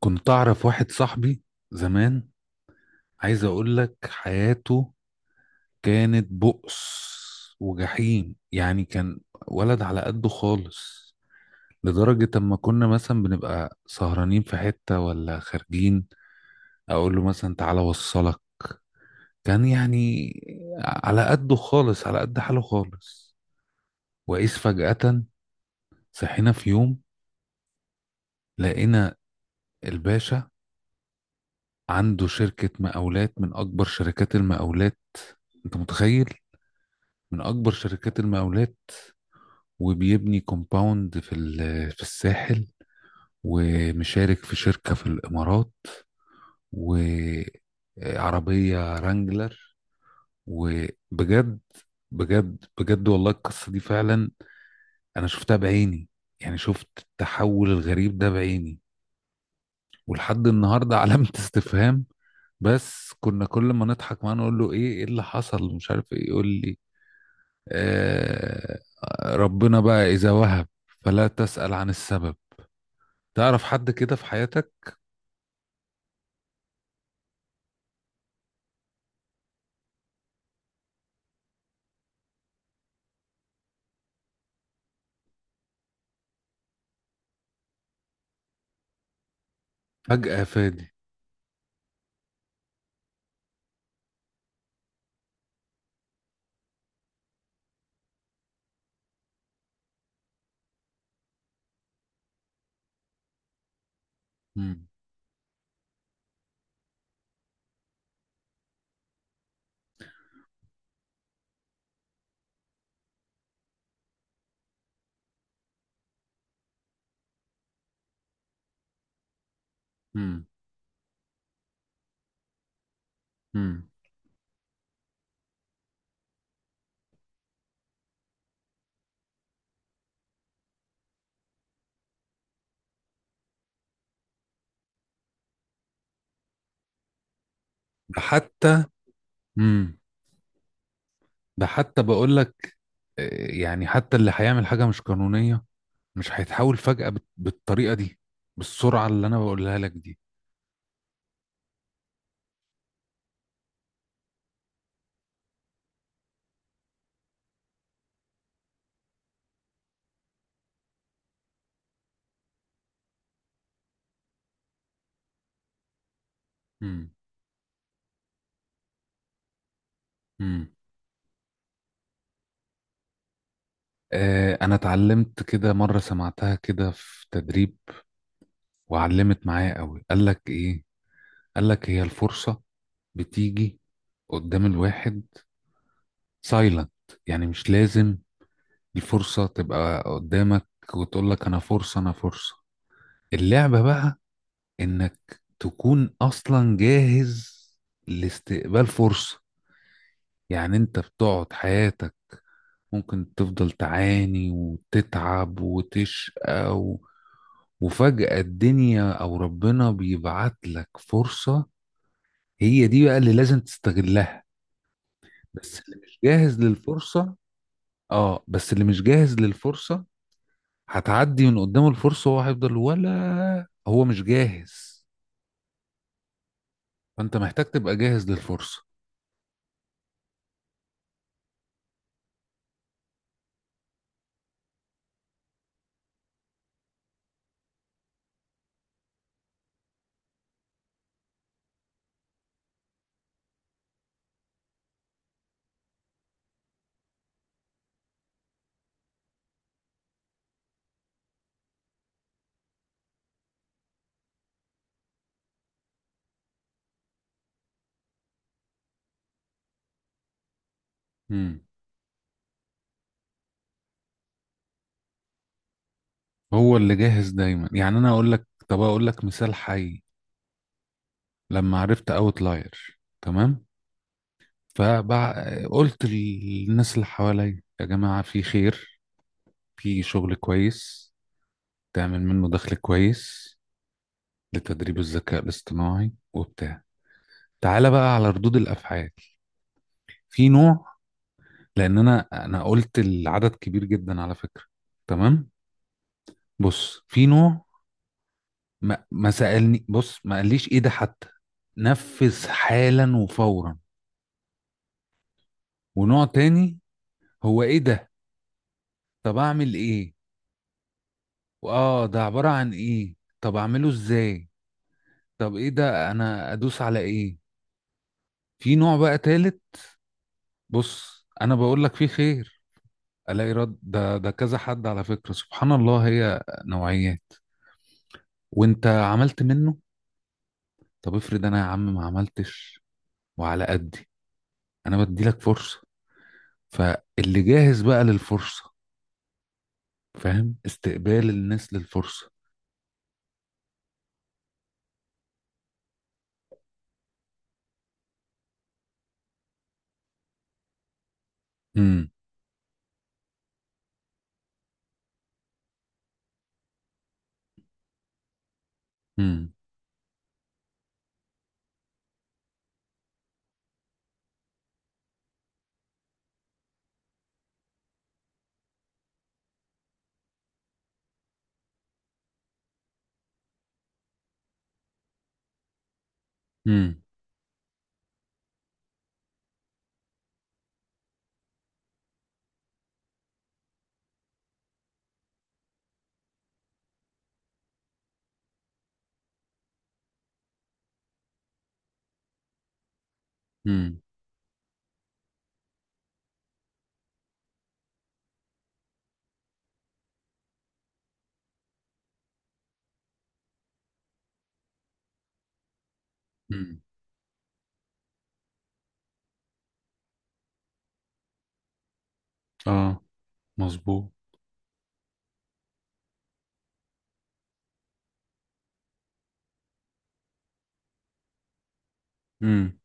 كنت أعرف واحد صاحبي زمان، عايز أقول لك حياته كانت بؤس وجحيم. يعني كان ولد على قده خالص، لدرجة أما كنا مثلا بنبقى سهرانين في حتة ولا خارجين أقول له مثلا تعالى وصلك. كان يعني على قده خالص، على قد حاله خالص. وإذ فجأة صحينا في يوم لقينا الباشا عنده شركة مقاولات من أكبر شركات المقاولات. أنت متخيل؟ من اكبر شركات المقاولات، وبيبني كومباوند في الساحل، ومشارك في شركة في الامارات، وعربية رانجلر. وبجد بجد بجد والله القصة دي فعلا انا شفتها بعيني، يعني شفت التحول الغريب ده بعيني ولحد النهاردة علامة استفهام. بس كنا كل ما نضحك معاه نقول له ايه ايه اللي حصل مش عارف ايه، يقول لي آه، ربنا بقى اذا وهب فلا تسأل عن السبب. تعرف حد كده في حياتك فجأة فادي؟ مم. مم. مم. ده حتى. مم. ده حتى بقول لك، آه، يعني حتى اللي هيعمل حاجة مش قانونية مش هيتحول فجأة بالطريقة دي، بالسرعة اللي أنا بقولها لك دي. مم. مم. آه، أنا اتعلمت كده مرة، سمعتها كده في تدريب وعلمت معايا قوي. قال لك إيه؟ قال لك هي الفرصة بتيجي قدام الواحد سايلنت، يعني مش لازم الفرصة تبقى قدامك وتقول لك أنا فرصة أنا فرصة. اللعبة بقى إنك تكون أصلا جاهز لاستقبال فرصة. يعني أنت بتقعد حياتك ممكن تفضل تعاني وتتعب وتشقى وفجأة الدنيا أو ربنا بيبعت لك فرصة، هي دي بقى اللي لازم تستغلها. بس اللي مش جاهز للفرصة، آه بس اللي مش جاهز للفرصة هتعدي من قدامه الفرصة وهو هيفضل ولا هو مش جاهز. فأنت محتاج تبقى جاهز للفرصة. مم. هو اللي جاهز دايما. يعني أنا أقول لك، طب أقول لك مثال حي. لما عرفت أوتلاير، تمام، فقلت للناس اللي حواليا يا جماعة في خير، في شغل كويس تعمل منه دخل كويس لتدريب الذكاء الاصطناعي وبتاع. تعالى بقى على ردود الأفعال. في نوع، لان انا قلت العدد كبير جدا على فكره، تمام، بص، في نوع ما سالني، بص ما قاليش ايه ده حتى، نفذ حالا وفورا. ونوع تاني هو ايه ده؟ طب اعمل ايه؟ واه ده عباره عن ايه؟ طب اعمله ازاي؟ طب ايه ده، انا ادوس على ايه؟ في نوع بقى تالت، بص انا بقول لك فيه خير، الاقي رد ده كذا حد على فكره. سبحان الله، هي نوعيات. وانت عملت منه؟ طب افرض انا يا عم ما عملتش وعلى قدي، انا بدي لك فرصه. فاللي جاهز بقى للفرصه، فاهم، استقبال الناس للفرصه. امم. امم. امم. امم. امم. اه، مظبوط. امم.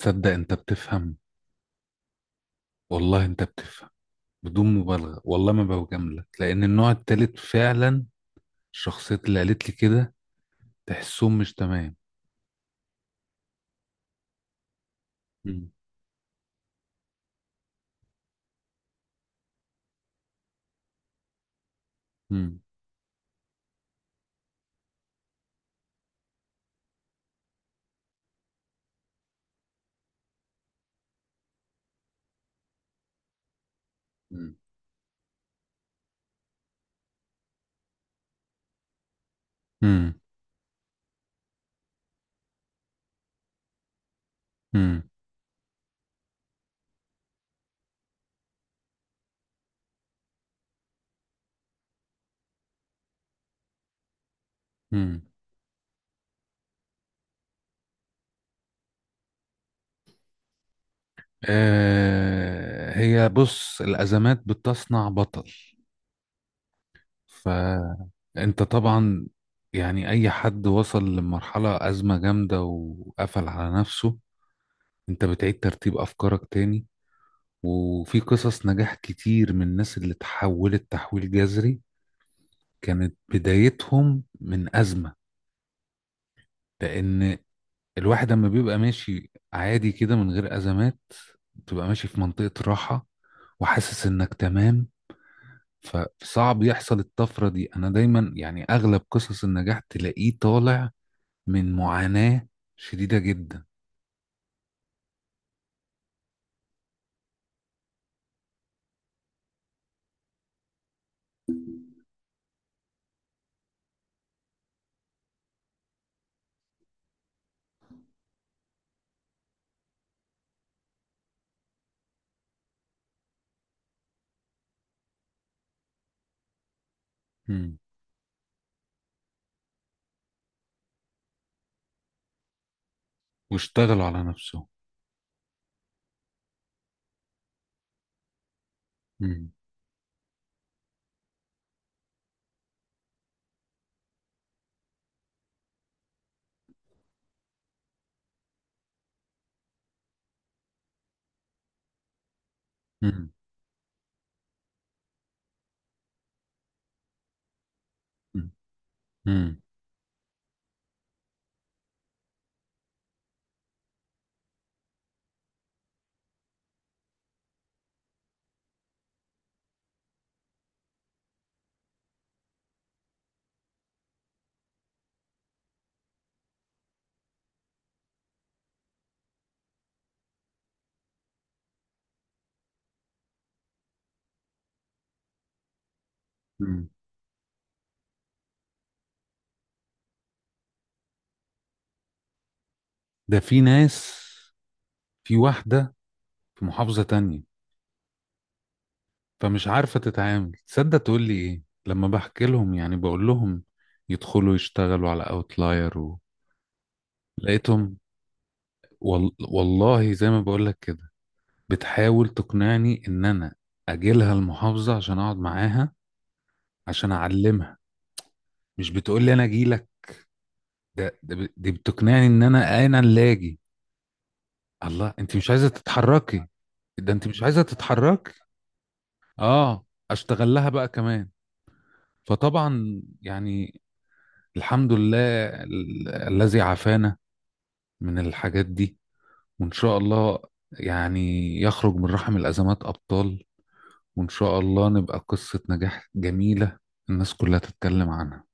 تصدق انت بتفهم؟ والله انت بتفهم، بدون مبالغه والله ما بوجاملك، لان النوع التالت فعلا الشخصيات اللي قالت لي كده تحسهم مش تمام. امم. امم. امم. امم. امم. آه، هي بص، الأزمات بتصنع بطل. فانت طبعا يعني اي حد وصل لمرحلة ازمة جامدة وقفل على نفسه، انت بتعيد ترتيب افكارك تاني. وفي قصص نجاح كتير من الناس اللي تحولت تحويل جذري كانت بدايتهم من ازمة، لان الواحد لما بيبقى ماشي عادي كده من غير ازمات بتبقى ماشي في منطقة راحة وحاسس انك تمام، فصعب يحصل الطفرة دي. انا دايما يعني اغلب قصص النجاح تلاقيه طالع من معاناة شديدة جدا. مم. واشتغلوا على نفسهم. مم. مم. مم. مم. مم. ده في ناس، في واحدة في محافظة تانية فمش عارفة تتعامل. تصدق تقول لي ايه لما بحكي لهم، يعني بقول لهم يدخلوا يشتغلوا على اوتلاير لقيتهم والله زي ما بقول لك كده بتحاول تقنعني ان انا اجي لها المحافظة عشان اقعد معاها، عشان اعلمها، مش بتقول لي انا اجي لك. دي بتقنعني ان انا اللي اجي. الله، انت مش عايزه تتحركي، ده انت مش عايزه تتحركي، اه، اشتغل لها بقى كمان. فطبعا يعني الحمد لله الذي عافانا من الحاجات دي، وان شاء الله يعني يخرج من رحم الازمات ابطال، وان شاء الله نبقى قصه نجاح جميله الناس كلها تتكلم عنها.